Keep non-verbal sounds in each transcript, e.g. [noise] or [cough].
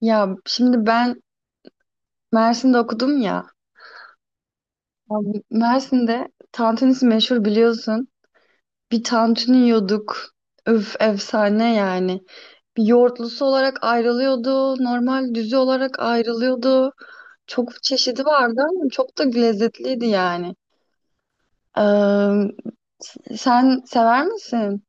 Ya şimdi ben Mersin'de okudum ya. Abi Mersin'de tantunisi meşhur biliyorsun. Bir tantuni yiyorduk. Öf efsane yani. Bir yoğurtlusu olarak ayrılıyordu. Normal düzü olarak ayrılıyordu. Çok çeşidi vardı ama çok da lezzetliydi yani. Ee, Sen sever misin?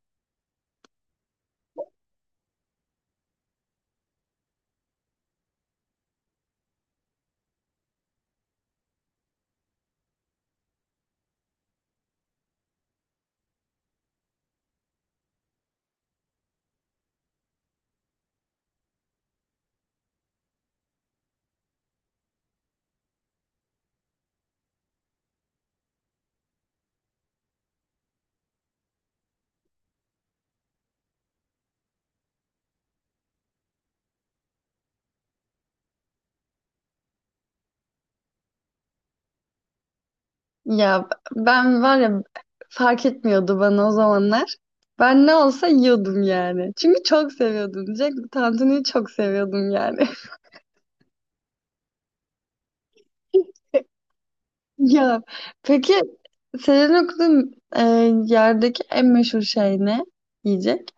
Ya ben var ya fark etmiyordu bana o zamanlar. Ben ne olsa yiyordum yani. Çünkü çok seviyordum diyecek. Tantuniyi çok seviyordum yani. [laughs] Ya peki senin okuduğun yerdeki en meşhur şey ne? Yiyecek.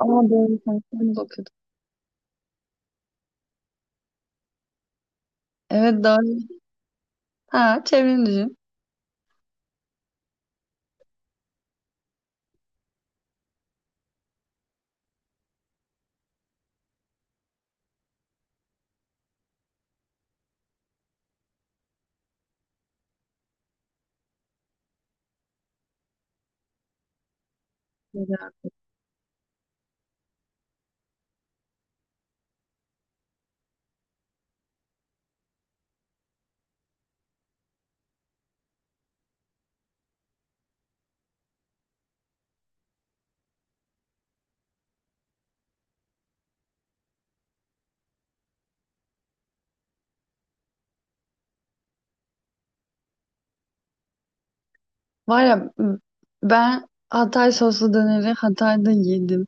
Ama doğru sen de okuyordun. Evet doğru. Ha çevreni düşün. Güzel. Var ya ben Hatay soslu döneri Hatay'da yedim.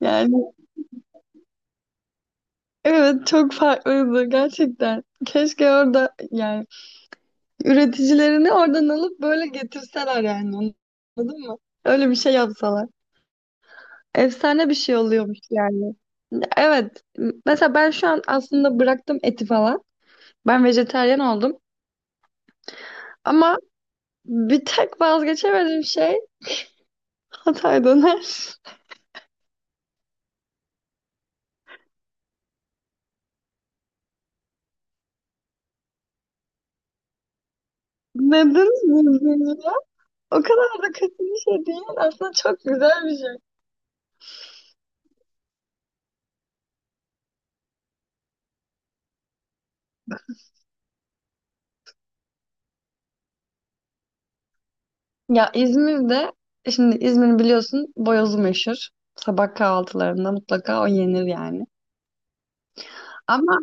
Yani evet çok farklıydı gerçekten. Keşke orada yani üreticilerini oradan alıp böyle getirseler yani anladın mı? Öyle bir şey yapsalar. Efsane bir şey oluyormuş yani. Evet. Mesela ben şu an aslında bıraktım eti falan. Ben vejetaryen oldum. Ama bir tek vazgeçemediğim şey Hatay döner. [laughs] Neden üzüldünüz ya? O kadar da kötü bir şey değil. Aslında çok güzel bir şey. Ya İzmir'de, şimdi İzmir'i biliyorsun boyozu meşhur. Sabah kahvaltılarında mutlaka o yenir yani. Ama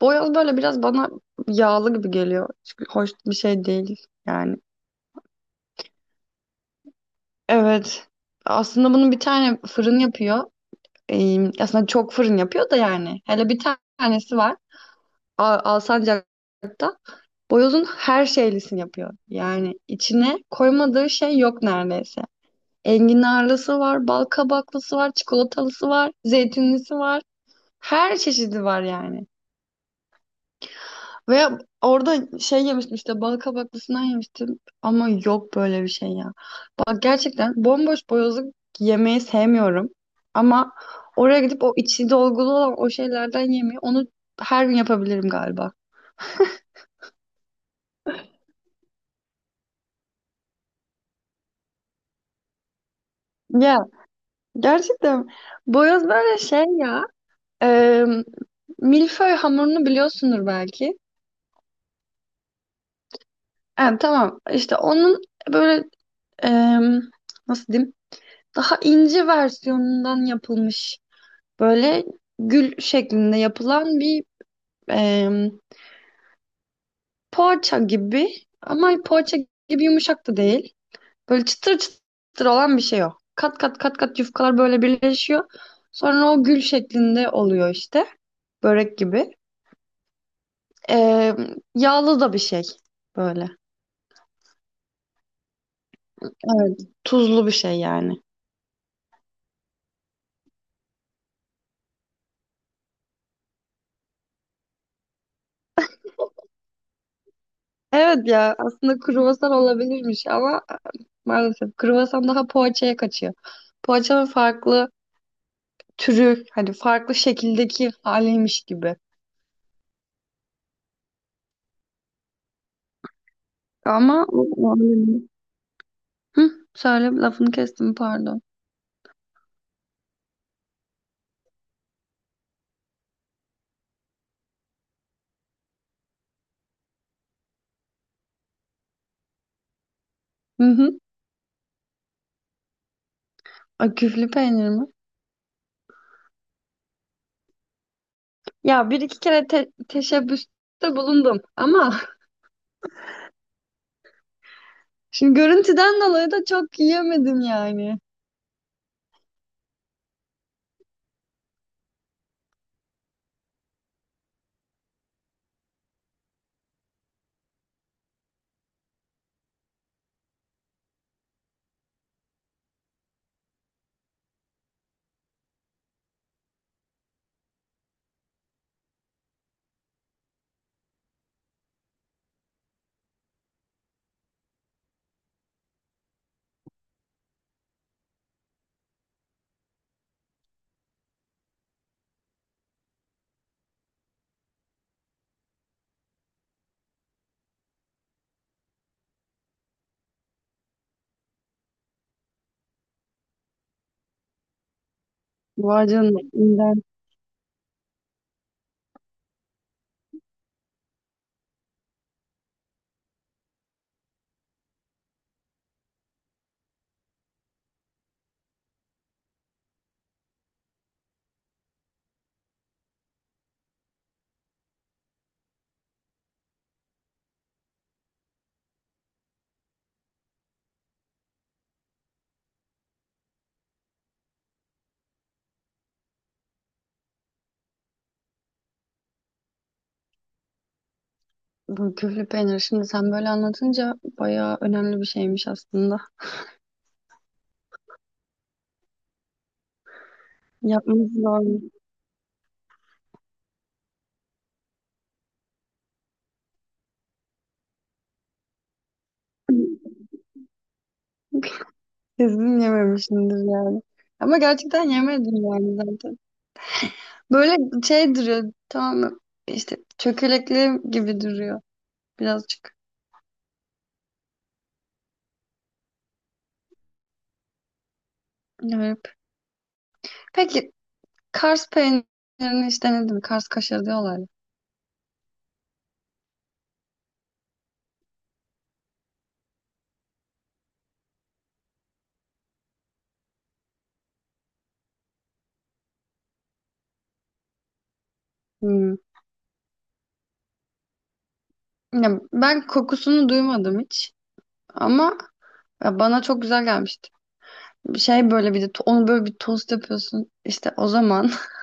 boyoz böyle biraz bana yağlı gibi geliyor. Çünkü hoş bir şey değil yani. Evet. Aslında bunun bir tane fırın yapıyor. Aslında çok fırın yapıyor da yani. Hele bir tanesi var. Alsancak. Boyozun her şeylisini yapıyor. Yani içine koymadığı şey yok neredeyse. Enginarlısı var, bal kabaklısı var, çikolatalısı var, zeytinlisi var. Her çeşidi var yani. Ve orada şey yemiştim işte bal kabaklısından yemiştim ama yok böyle bir şey ya. Bak gerçekten bomboş boyozluk yemeyi sevmiyorum. Ama oraya gidip o içi dolgulu olan o şeylerden yemeyi onu her gün yapabilirim galiba. Ya gerçekten boyoz böyle şey ya, e, milföy hamurunu biliyorsundur belki. Yani tamam işte onun böyle, e, nasıl diyeyim, daha ince versiyonundan yapılmış. Böyle gül şeklinde yapılan bir, em, poğaça gibi ama poğaça gibi yumuşak da değil. Böyle çıtır çıtır olan bir şey o. Kat kat kat kat yufkalar böyle birleşiyor. Sonra o gül şeklinde oluyor işte. Börek gibi. Yağlı da bir şey böyle. Evet, tuzlu bir şey yani. Evet ya aslında kruvasan olabilirmiş ama maalesef kruvasan daha poğaçaya kaçıyor. Poğaçanın farklı türü hani farklı şekildeki haliymiş gibi. Ama o öyle değil. Hı, söyle lafını kestim pardon. Hı hı. Ay, küflü peynir mi? Ya bir iki kere teşebbüste bulundum ama [laughs] şimdi görüntüden dolayı da çok yiyemedim yani. Var canım. İğrenç. Bu küflü peynir şimdi sen böyle anlatınca bayağı önemli bir şeymiş aslında. Yapması zormuş. [laughs] Kesin yememişimdir yani. Ama gerçekten yemedim yani zaten. Böyle şey duruyor tamam mı? İşte çökelekli gibi duruyor birazcık. Garip. Peki Kars peynirini hiç denedin mi? Kars kaşarı diyorlar ya. Hmm. Ya ben kokusunu duymadım hiç. Ama ya bana çok güzel gelmişti. Bir şey böyle bir de onu böyle bir tost yapıyorsun. İşte o zaman. [laughs]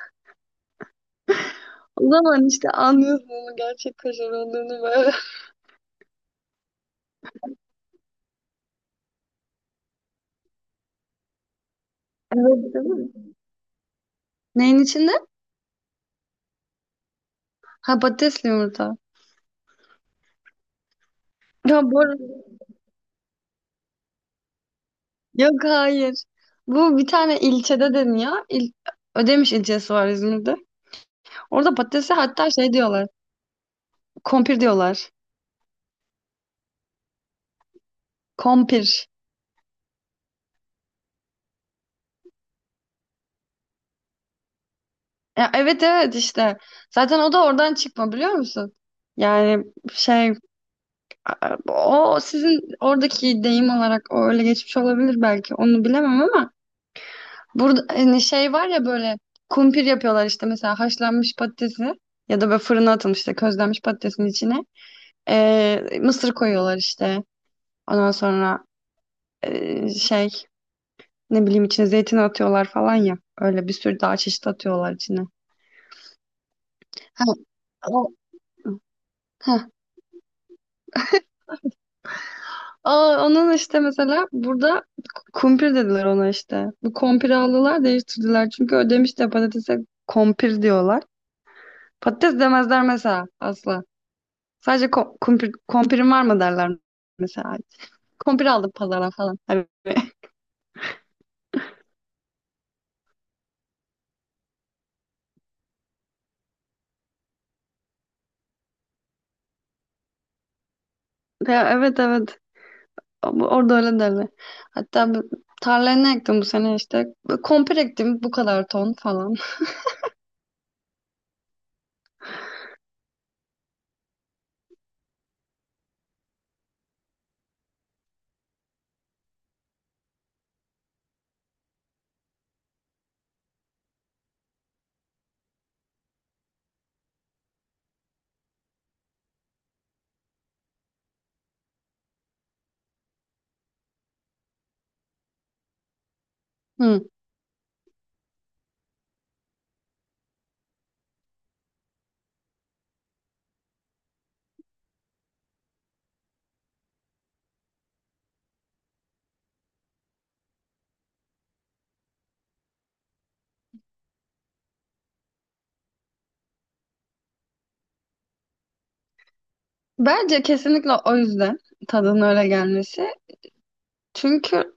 O zaman işte anlıyorsun onun gerçek kaşar olduğunu böyle. [laughs] Evet, değil mi? Neyin içinde? Ha patatesli yumurta. Ya bu arada yok hayır. Bu bir tane ilçede deniyor. Ödemiş ilçesi var İzmir'de. Orada patatese hatta şey diyorlar. Kompir diyorlar. Kompir. Ya evet evet işte. Zaten o da oradan çıkma biliyor musun? Yani şey, o sizin oradaki deyim olarak o öyle geçmiş olabilir belki. Onu bilemem ama burada hani şey var ya böyle kumpir yapıyorlar işte mesela haşlanmış patatesi ya da böyle fırına atılmış işte közlenmiş patatesin içine. Mısır koyuyorlar işte. Ondan sonra şey ne bileyim içine zeytin atıyorlar falan ya. Öyle bir sürü daha çeşit atıyorlar içine. Ha, o, heh. Aa, onun işte mesela burada kumpir dediler ona işte. Bu kompiri aldılar değiştirdiler. Çünkü Ödemiş de patatese kompir diyorlar. Patates demezler mesela asla. Sadece kumpir, kompirin var mı derler mesela. Kumpir aldım pazardan falan. Hani- [laughs] Ya, evet evet orada öyle derler. Hatta tarlaya ne ektim bu sene işte. Komple ektim bu kadar ton falan. Hı. Bence kesinlikle o yüzden tadının öyle gelmesi. Çünkü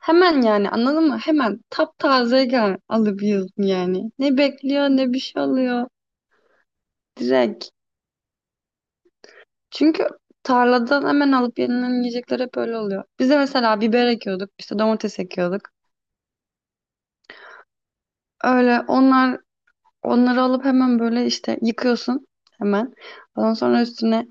hemen yani anladın mı? Hemen taptaze gel alıp yiyorsun yani. Ne bekliyor ne bir şey oluyor. Direkt. Çünkü tarladan hemen alıp yenilen yiyecekler hep öyle oluyor. Biz de mesela biber ekiyorduk, işte domates ekiyorduk. Öyle onlar onları alıp hemen böyle işte yıkıyorsun hemen. Ondan sonra üstüne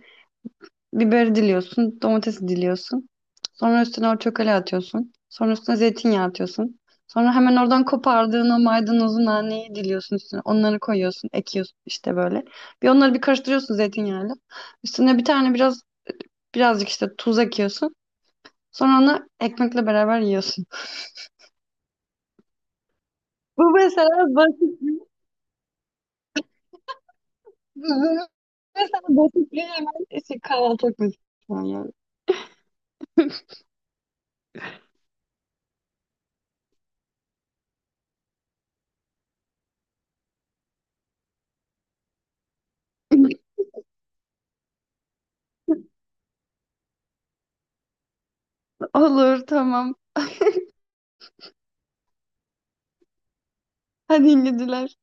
biberi diliyorsun, domatesi diliyorsun. Sonra üstüne o çökele atıyorsun. Sonra üstüne zeytinyağı atıyorsun. Sonra hemen oradan kopardığın o maydanozun naneyi diliyorsun üstüne. Onları koyuyorsun, ekiyorsun işte böyle. Bir onları bir karıştırıyorsun zeytinyağıyla. Üstüne bir tane biraz birazcık işte tuz ekiyorsun. Sonra onu ekmekle beraber yiyorsun. [laughs] Bu mesela basit bir, bu mesela basit bir hemen işte kahvaltılık mesela yani. [laughs] Olur tamam. Hadi iyi geceler.